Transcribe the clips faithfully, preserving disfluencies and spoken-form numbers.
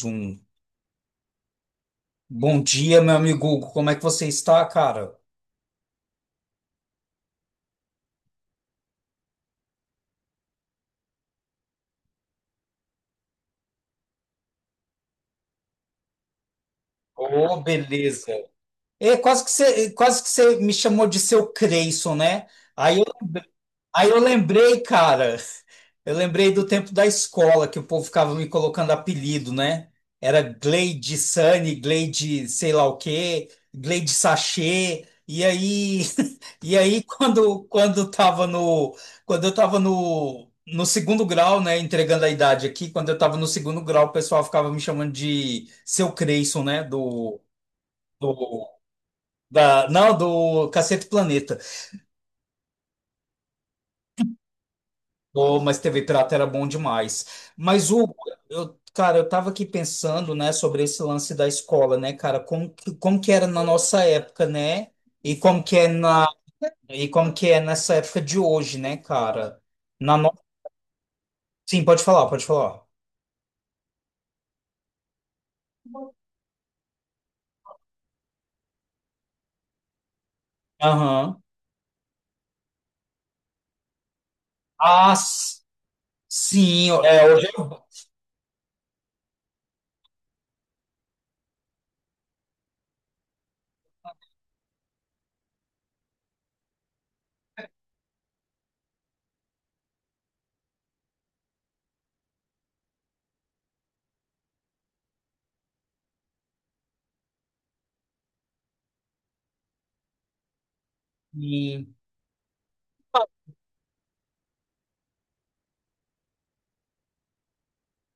Zoom. Bom dia, meu amigo Hugo. Como é que você está, cara? Ô, beleza. É, quase que você, quase que você me chamou de seu Creyson, né? Aí eu Aí eu lembrei, cara, eu lembrei do tempo da escola que o povo ficava me colocando apelido, né? Era Gleide Sunny, Gleide sei lá o quê, Gleide Sachê. E aí, e aí quando quando tava no quando eu tava no no segundo grau, né, entregando a idade aqui, quando eu tava no segundo grau, o pessoal ficava me chamando de Seu Creyson, né, do, do da não, do Cacete Planeta. Oh, mas T V Pirata era bom demais. Mas o eu, cara, eu tava aqui pensando, né, sobre esse lance da escola, né, cara, como que, como que era na nossa época, né? E como que é na e como que é nessa época de hoje, né, cara? Na no... Sim, pode falar, pode falar. Aham. Ah, s- sim, é, hoje é...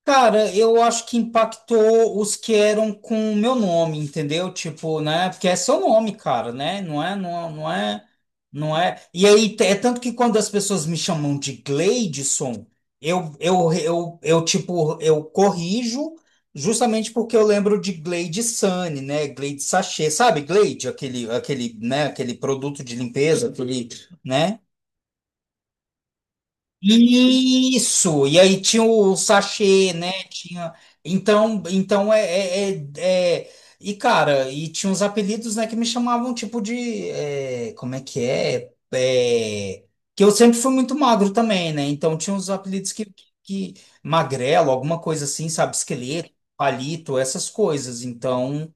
Cara, eu acho que impactou os que eram com o meu nome, entendeu? Tipo, né? Porque é seu nome, cara, né? Não é, não, não é, não é. E aí, t- é tanto que quando as pessoas me chamam de Gleidson, eu, eu, eu, eu, tipo, eu corrijo justamente porque eu lembro de Glade Sunny, né? Glade Sachê, sabe? Glade, aquele, aquele, né? Aquele produto de limpeza, aquele, né? Isso, e aí tinha o sachê, né? Tinha. Então, então é, é, é- é- E, cara, e tinha uns apelidos, né, que me chamavam tipo de. É, como é que é? É, que eu sempre fui muito magro também, né? Então tinha uns apelidos que, que. Magrelo, alguma coisa assim, sabe? Esqueleto, palito, essas coisas. Então.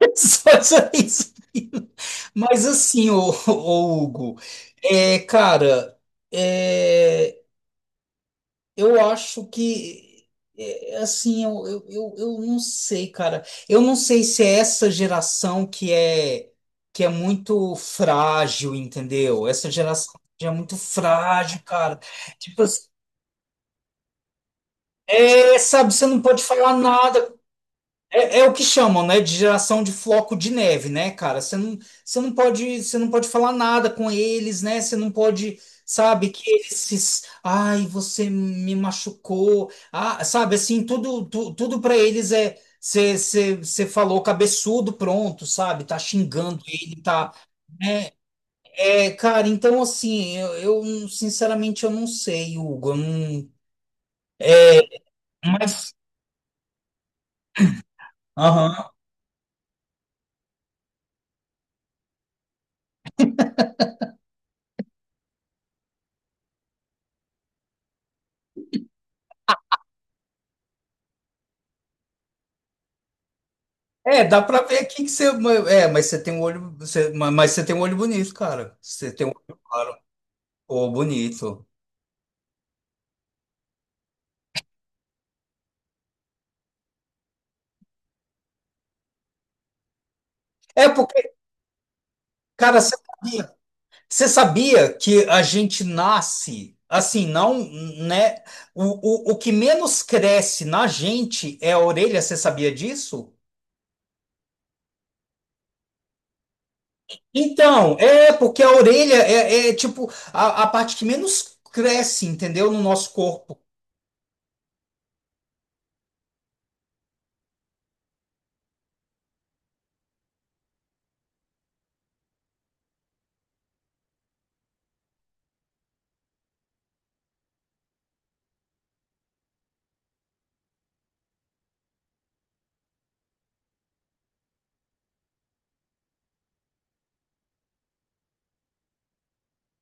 Só isso. Mas assim, ô, ô Hugo, é, cara. É, eu acho que, é, assim, eu, eu, eu, eu não sei, cara. Eu não sei se é essa geração que é, que é muito frágil, entendeu? Essa geração que é muito frágil, cara. Tipo assim, é, sabe, você não pode falar nada, é, é o que chamam, né, de geração de floco de neve, né, cara? Você não, você não pode, você não pode falar nada com eles, né? Você não pode, sabe, que eles, se- ai, você me machucou, ah, sabe, assim, tudo, tu- tudo para eles é, você você- você falou cabeçudo, pronto, sabe? Tá xingando ele, tá? É, cara, então assim, eu, eu, sinceramente eu não sei, Hugo, eu não, é, mas, aham. É, dá pra ver aqui que você. É, mas você tem um olho. Você, mas você tem um olho bonito, cara. Você tem um olho claro. Pô, bonito. É porque, cara, você sabia, você sabia que a gente nasce assim, não, né? O, o, o que menos cresce na gente é a orelha, você sabia disso? Então, é porque a orelha é, é, tipo a, a parte que menos cresce, entendeu? No nosso corpo.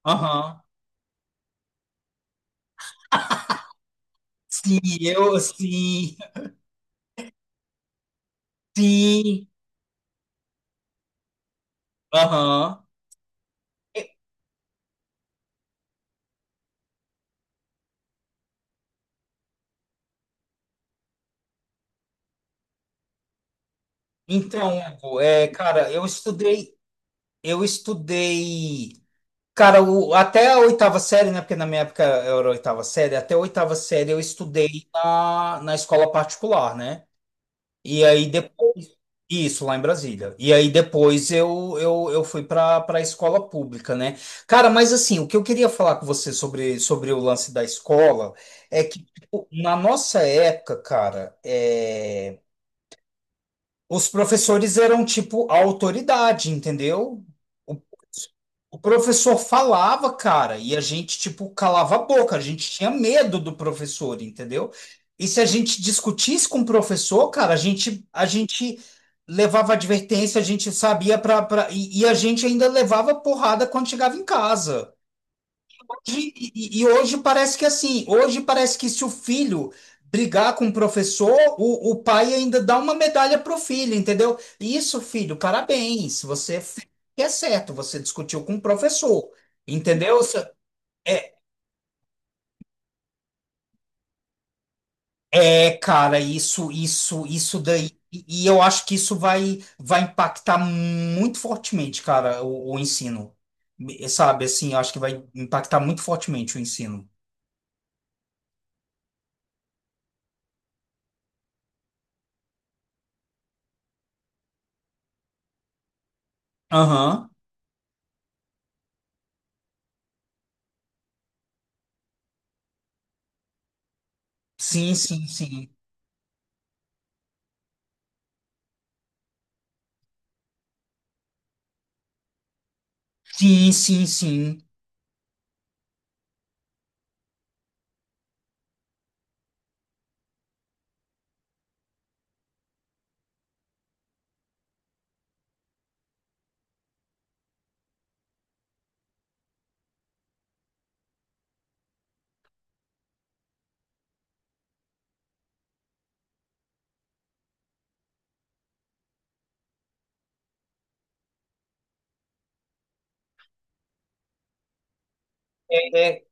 Aham. Sim, eu, sim, sim. Aham. Então, Hugo, é, cara, eu estudei, eu estudei, cara, o- até a oitava série, né? Porque na minha época era a oitava série, até a oitava série eu estudei na, na escola particular, né? E aí depois, isso, lá em Brasília. E aí depois eu, eu, eu fui para para a escola pública, né? Cara, mas assim, o que eu queria falar com você sobre, sobre o lance da escola é que, tipo, na nossa época, cara, é. Os professores eram tipo a autoridade, entendeu? O, o professor falava, cara, e a gente tipo calava a boca, a gente tinha medo do professor, entendeu? E se a gente discutisse com o professor, cara, a gente a gente levava advertência, a gente sabia para e, e a gente ainda levava porrada quando chegava em casa. E, e- e hoje parece que é assim, hoje parece que se o filho brigar com o professor, o, o pai ainda dá uma medalha pro filho, entendeu? Isso, filho, parabéns, você fez o que é certo, você discutiu com o professor, entendeu? Se- É, é, cara, isso, isso, isso daí, e e eu acho que isso vai, vai impactar muito fortemente, cara, o, o ensino. Me- sabe? Assim, eu acho que vai impactar muito fortemente o ensino. Aham. Sim, sim, sim. Sim, sim, sim. É, é,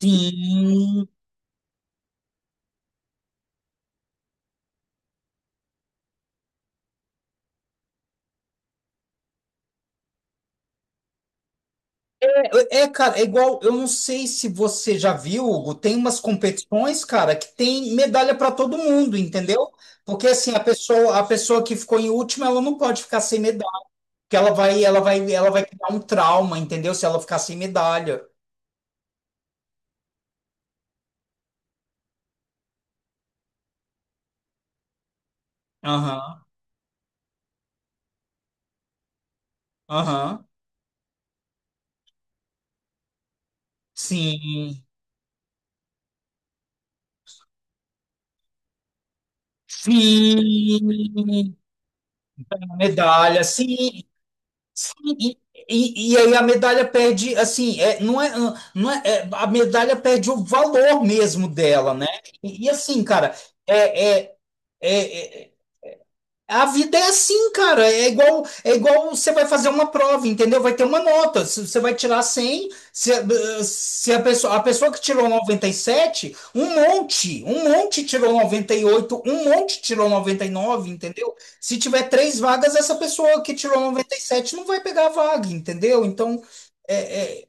sim. É, é, cara, é igual. Eu não sei se você já viu, Hugo, tem umas competições, cara, que tem medalha para todo mundo, entendeu? Porque assim, a pessoa, a pessoa que ficou em último, ela não pode ficar sem medalha, porque ela vai, ela vai, ela vai criar um trauma, entendeu? Se ela ficar sem medalha. Aham, aham. Sim. Sim, medalha, sim, Sim, E, e, e aí a medalha perde, assim, é, não é, não é, é, a medalha perde o valor mesmo dela, né? E, e assim, cara, é, é, é, é, a vida é assim, cara. É igual, é igual você vai fazer uma prova, entendeu? Vai ter uma nota. Se você vai tirar cem se, a- se a pessoa, a pessoa que tirou noventa e sete, um monte, um monte tirou noventa e oito, um monte tirou noventa e nove, entendeu? Se tiver três vagas, essa pessoa que tirou noventa e sete não vai pegar a vaga, entendeu? Então, é, é,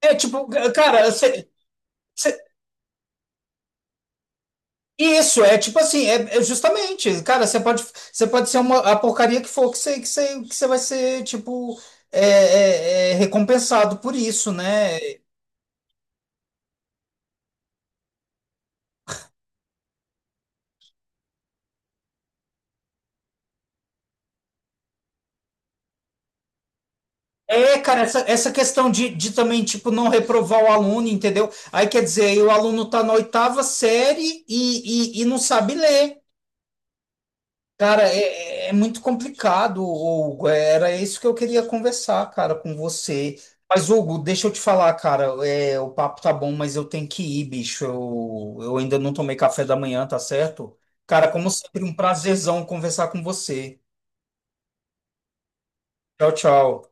é tipo, cara, você Isso, é tipo assim, é, é justamente, cara, você pode, você pode ser uma, a porcaria que for que você, que você, que você vai ser, tipo, é, é, é recompensado por isso, né? É, cara, essa, essa questão de, de também, tipo, não reprovar o aluno, entendeu? Aí quer dizer, aí o aluno tá na oitava série e, e, e não sabe ler. Cara, é, é é muito complicado, Hugo. É, era isso que eu queria conversar, cara, com você. Mas, Hugo, deixa eu te falar, cara. É, o papo tá bom, mas eu tenho que ir, bicho. Eu, eu ainda não tomei café da manhã, tá certo? Cara, como sempre, um prazerzão conversar com você. Tchau, tchau.